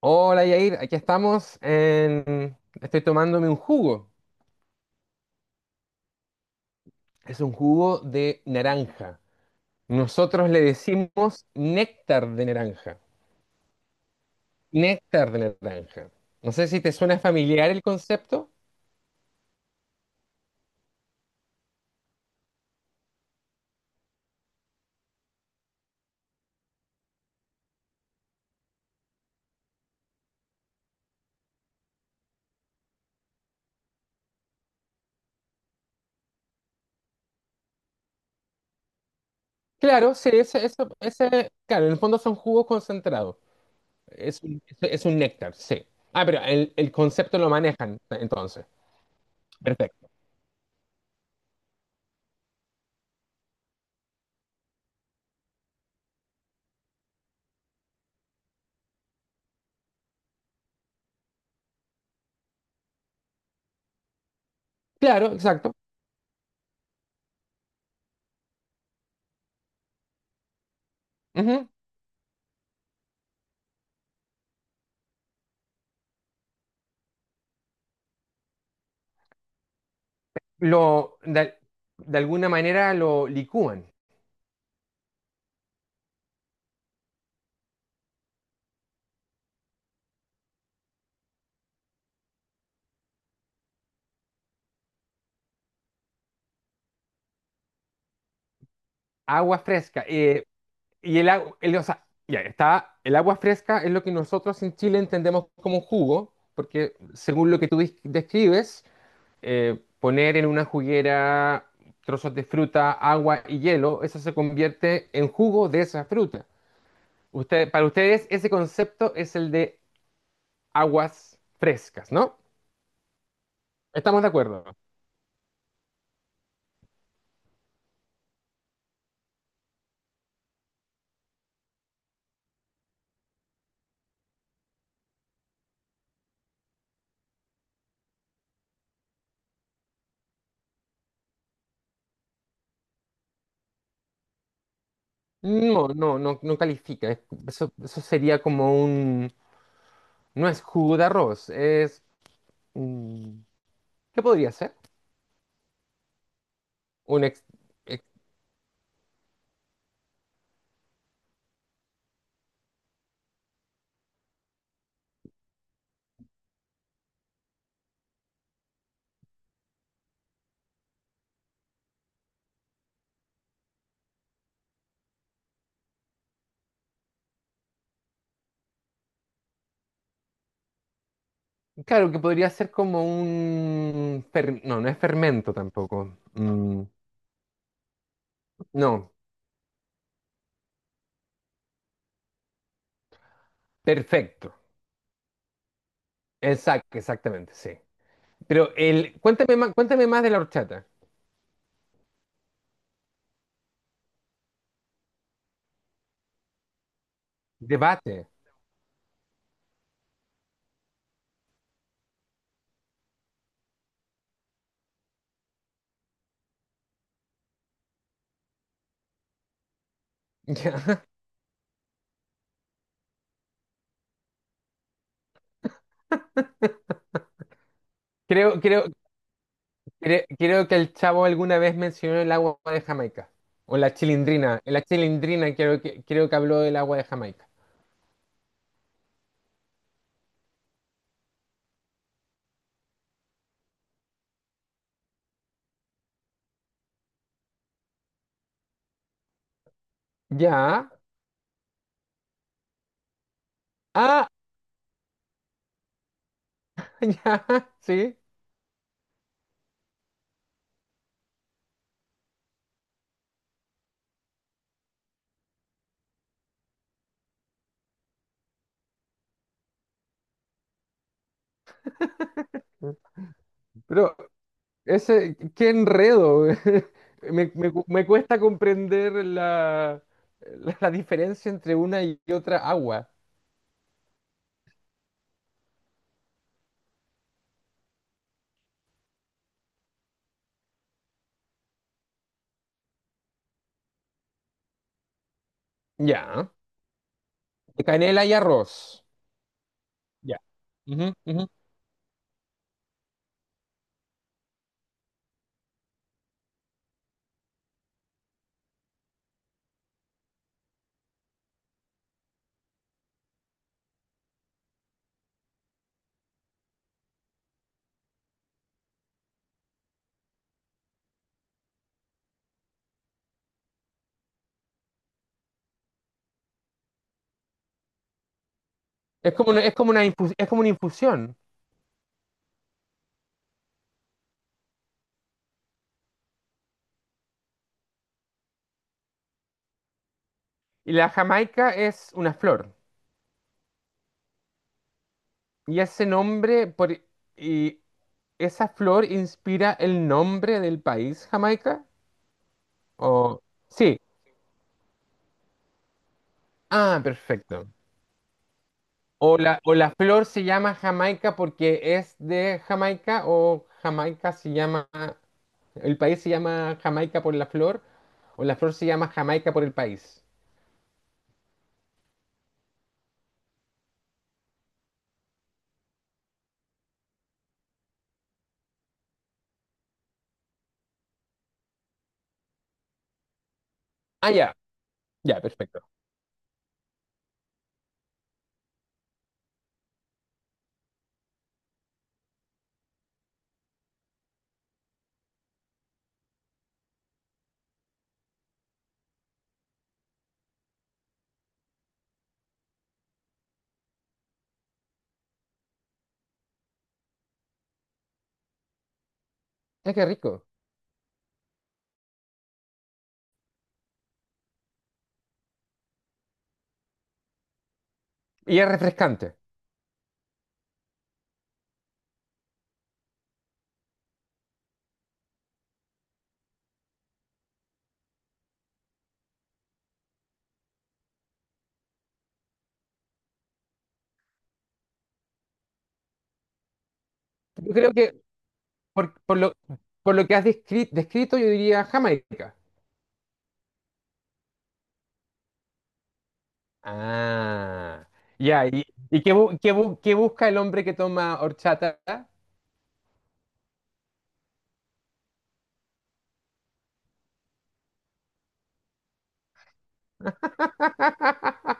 Hola Yair, aquí estamos en... Estoy tomándome un jugo. Es un jugo de naranja. Nosotros le decimos néctar de naranja. Néctar de naranja. No sé si te suena familiar el concepto. Claro, sí, claro, en el fondo son jugos concentrados. Es un néctar, sí. Ah, pero el concepto lo manejan entonces. Perfecto. Claro, exacto. Ujú. Lo, de, de alguna manera lo licúan. Agua fresca. Y el agua, o sea, ya está, el agua fresca es lo que nosotros en Chile entendemos como jugo, porque según lo que tú describes, poner en una juguera trozos de fruta, agua y hielo, eso se convierte en jugo de esa fruta. Para ustedes ese concepto es el de aguas frescas, ¿no? ¿Estamos de acuerdo? No, no, no, no califica. Eso, eso sería como un... No es jugo de arroz, es... mm, ¿Qué podría ser? un ex- ex- claro, que podría ser como un... no, no es fermento tampoco. No, perfecto. Exacto, exactamente, sí. Pero cuéntame más de la horchata. Debate. Ya. Creo, creo, Creo que el chavo alguna vez mencionó el agua de Jamaica. O la chilindrina. La chilindrina creo que habló del agua de Jamaica. Ya. Ah, ya, sí. Pero ese, qué enredo. Me cuesta comprender la diferencia entre una y otra agua. Ya. Canela y arroz. Ya. Ujú, ujú. Es como una, es como una infusión. Y la jamaica es una flor. Y ese nombre, por, y esa flor inspira el nombre del país, Jamaica. O, sí. Ah, perfecto. O la flor se llama Jamaica porque es de Jamaica, o Jamaica se llama, el país se llama Jamaica por la flor, o la flor se llama Jamaica por el país. Ah, ya, ya, perfecto. Es que rico. Y es refrescante. Yo creo que por, por lo, por lo que has descrito, yo diría Jamaica. Ah, ya. ¿Y, qué busca el hombre que toma horchata?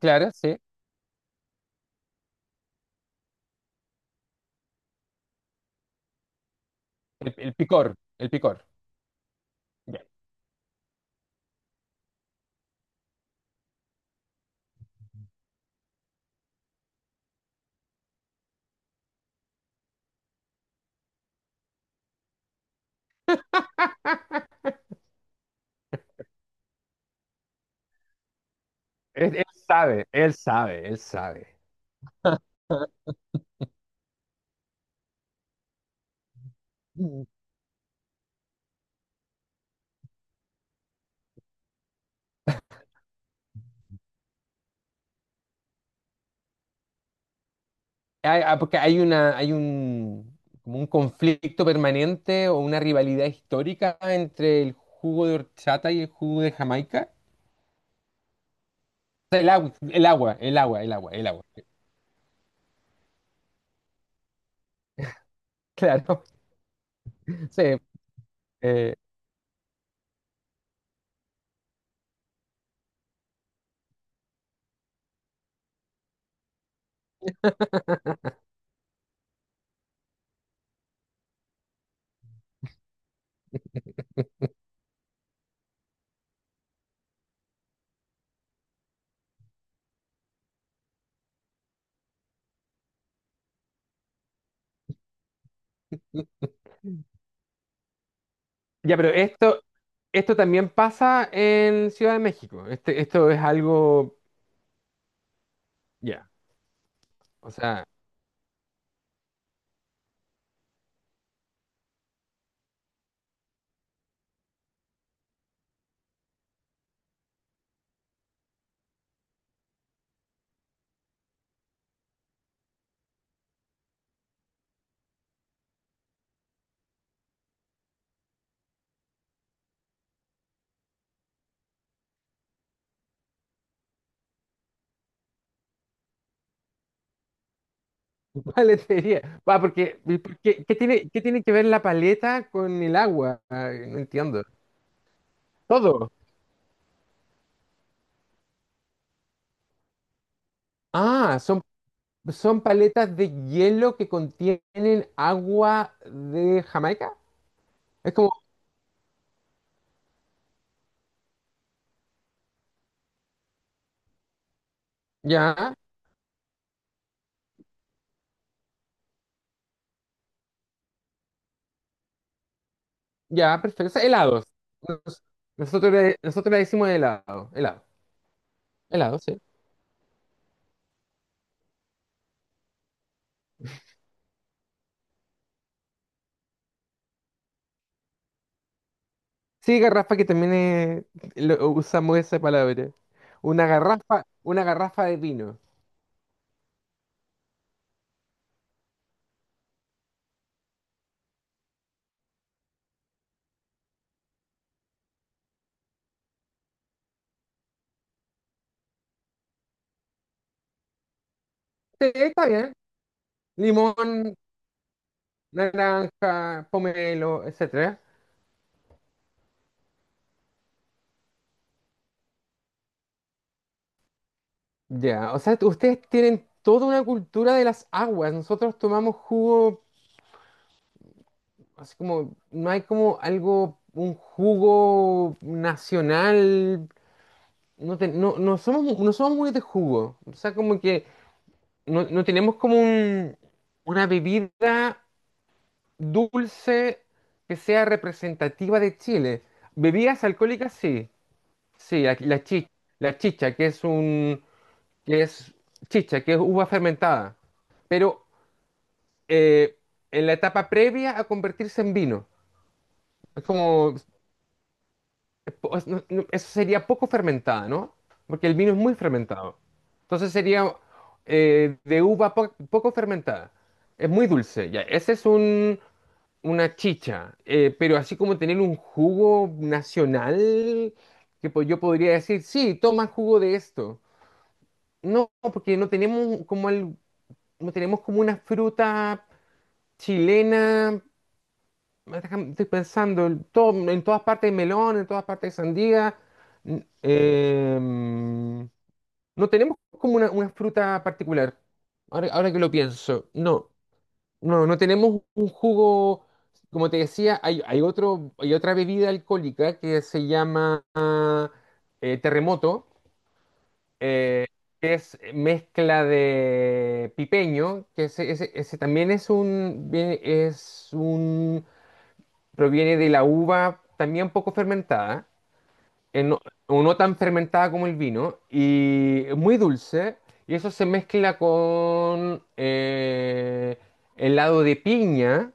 Claro, sí. El picor. Él sabe. Mm. Ah, porque hay una, hay un, como un conflicto permanente o una rivalidad histórica entre el jugo de horchata y el jugo de Jamaica. El agua. Claro, sí. eh, ya, pero esto también pasa en Ciudad de México. Este, esto es algo, ya, o sea, ¿sería? Va, qué tiene que ver la paleta con el agua? Ah, no entiendo. Todo. Ah, son, son paletas de hielo que contienen agua de Jamaica. Es como, ya, ya, perfecto. O sea, helados. Nos- Nosotros, nosotros le decimos helado, helado, helado, sí. Sí, garrafa que también es- lo- usamos esa palabra. Una garrafa de vino. Sí, está bien. Limón, naranja, pomelo, etcétera. Ya, o sea, ustedes tienen toda una cultura de las aguas. Nosotros tomamos jugo. Así como, no hay como algo, un jugo nacional. No, no, no somos muy de jugo. O sea, como que no, no tenemos como una bebida dulce que sea representativa de Chile. Bebidas alcohólicas, sí. Sí, la chicha, que es chicha, que es uva fermentada. Pero eh, en la etapa previa a convertirse en vino. Es como pues, no, eso sería poco fermentada, ¿no? Porque el vino es muy fermentado. Entonces sería de uva poco fermentada. Es muy dulce, ya. Ese es un, una chicha. Pero así como tener un jugo nacional, que yo podría decir, sí, toma jugo de esto. No, porque no tenemos como no tenemos como una fruta chilena estoy pensando en, en todas partes hay melón, en todas partes hay sandía. N- em, no tenemos como una fruta particular. Ahora, ahora que lo pienso, no tenemos un jugo. Como te decía, hay otra bebida alcohólica que se llama terremoto, eh, que es mezcla de pipeño, que ese también es un, es un, proviene de la uva también poco fermentada, eh, no- o no tan fermentada como el vino, y es muy dulce, y eso se mezcla con helado de piña,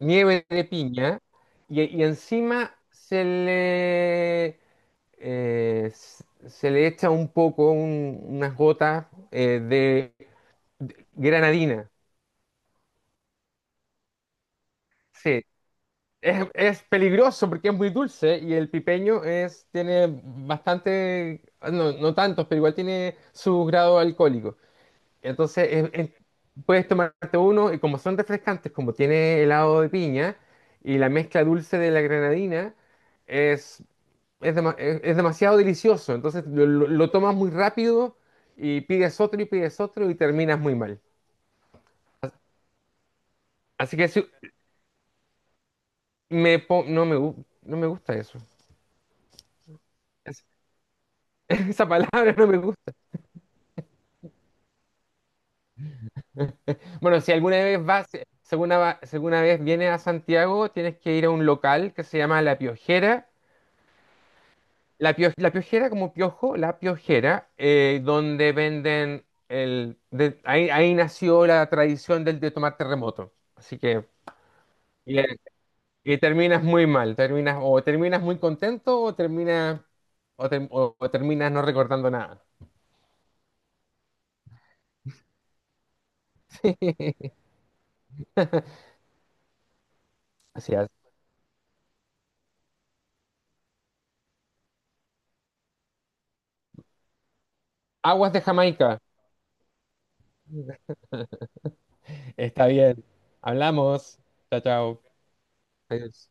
nieve de piña, y encima se le echa un poco, unas gotas de granadina. Sí, es peligroso porque es muy dulce y el pipeño es, tiene bastante, no, no tantos, pero igual tiene su grado alcohólico. Entonces puedes tomarte uno y como son refrescantes, como tiene helado de piña y la mezcla dulce de la granadina, es, es, es demasiado delicioso. Entonces lo tomas muy rápido y pides otro y pides otro y terminas muy mal. Así que sí, me, po- no me, gu- no me gusta eso. Es- esa palabra no me gusta. Bueno, si alguna vez vas, si alguna, va- si alguna vez vienes a Santiago, tienes que ir a un local que se llama La Piojera. La Piojera, como piojo, La Piojera, donde venden ahí, ahí nació la tradición del de tomar terremoto. Así que. Y, eh, y terminas muy mal. Terminas, o terminas muy contento o terminas. O terminas no recordando nada. Así es. Aguas de Jamaica. Está bien. Hablamos. Chao, chao. Adiós.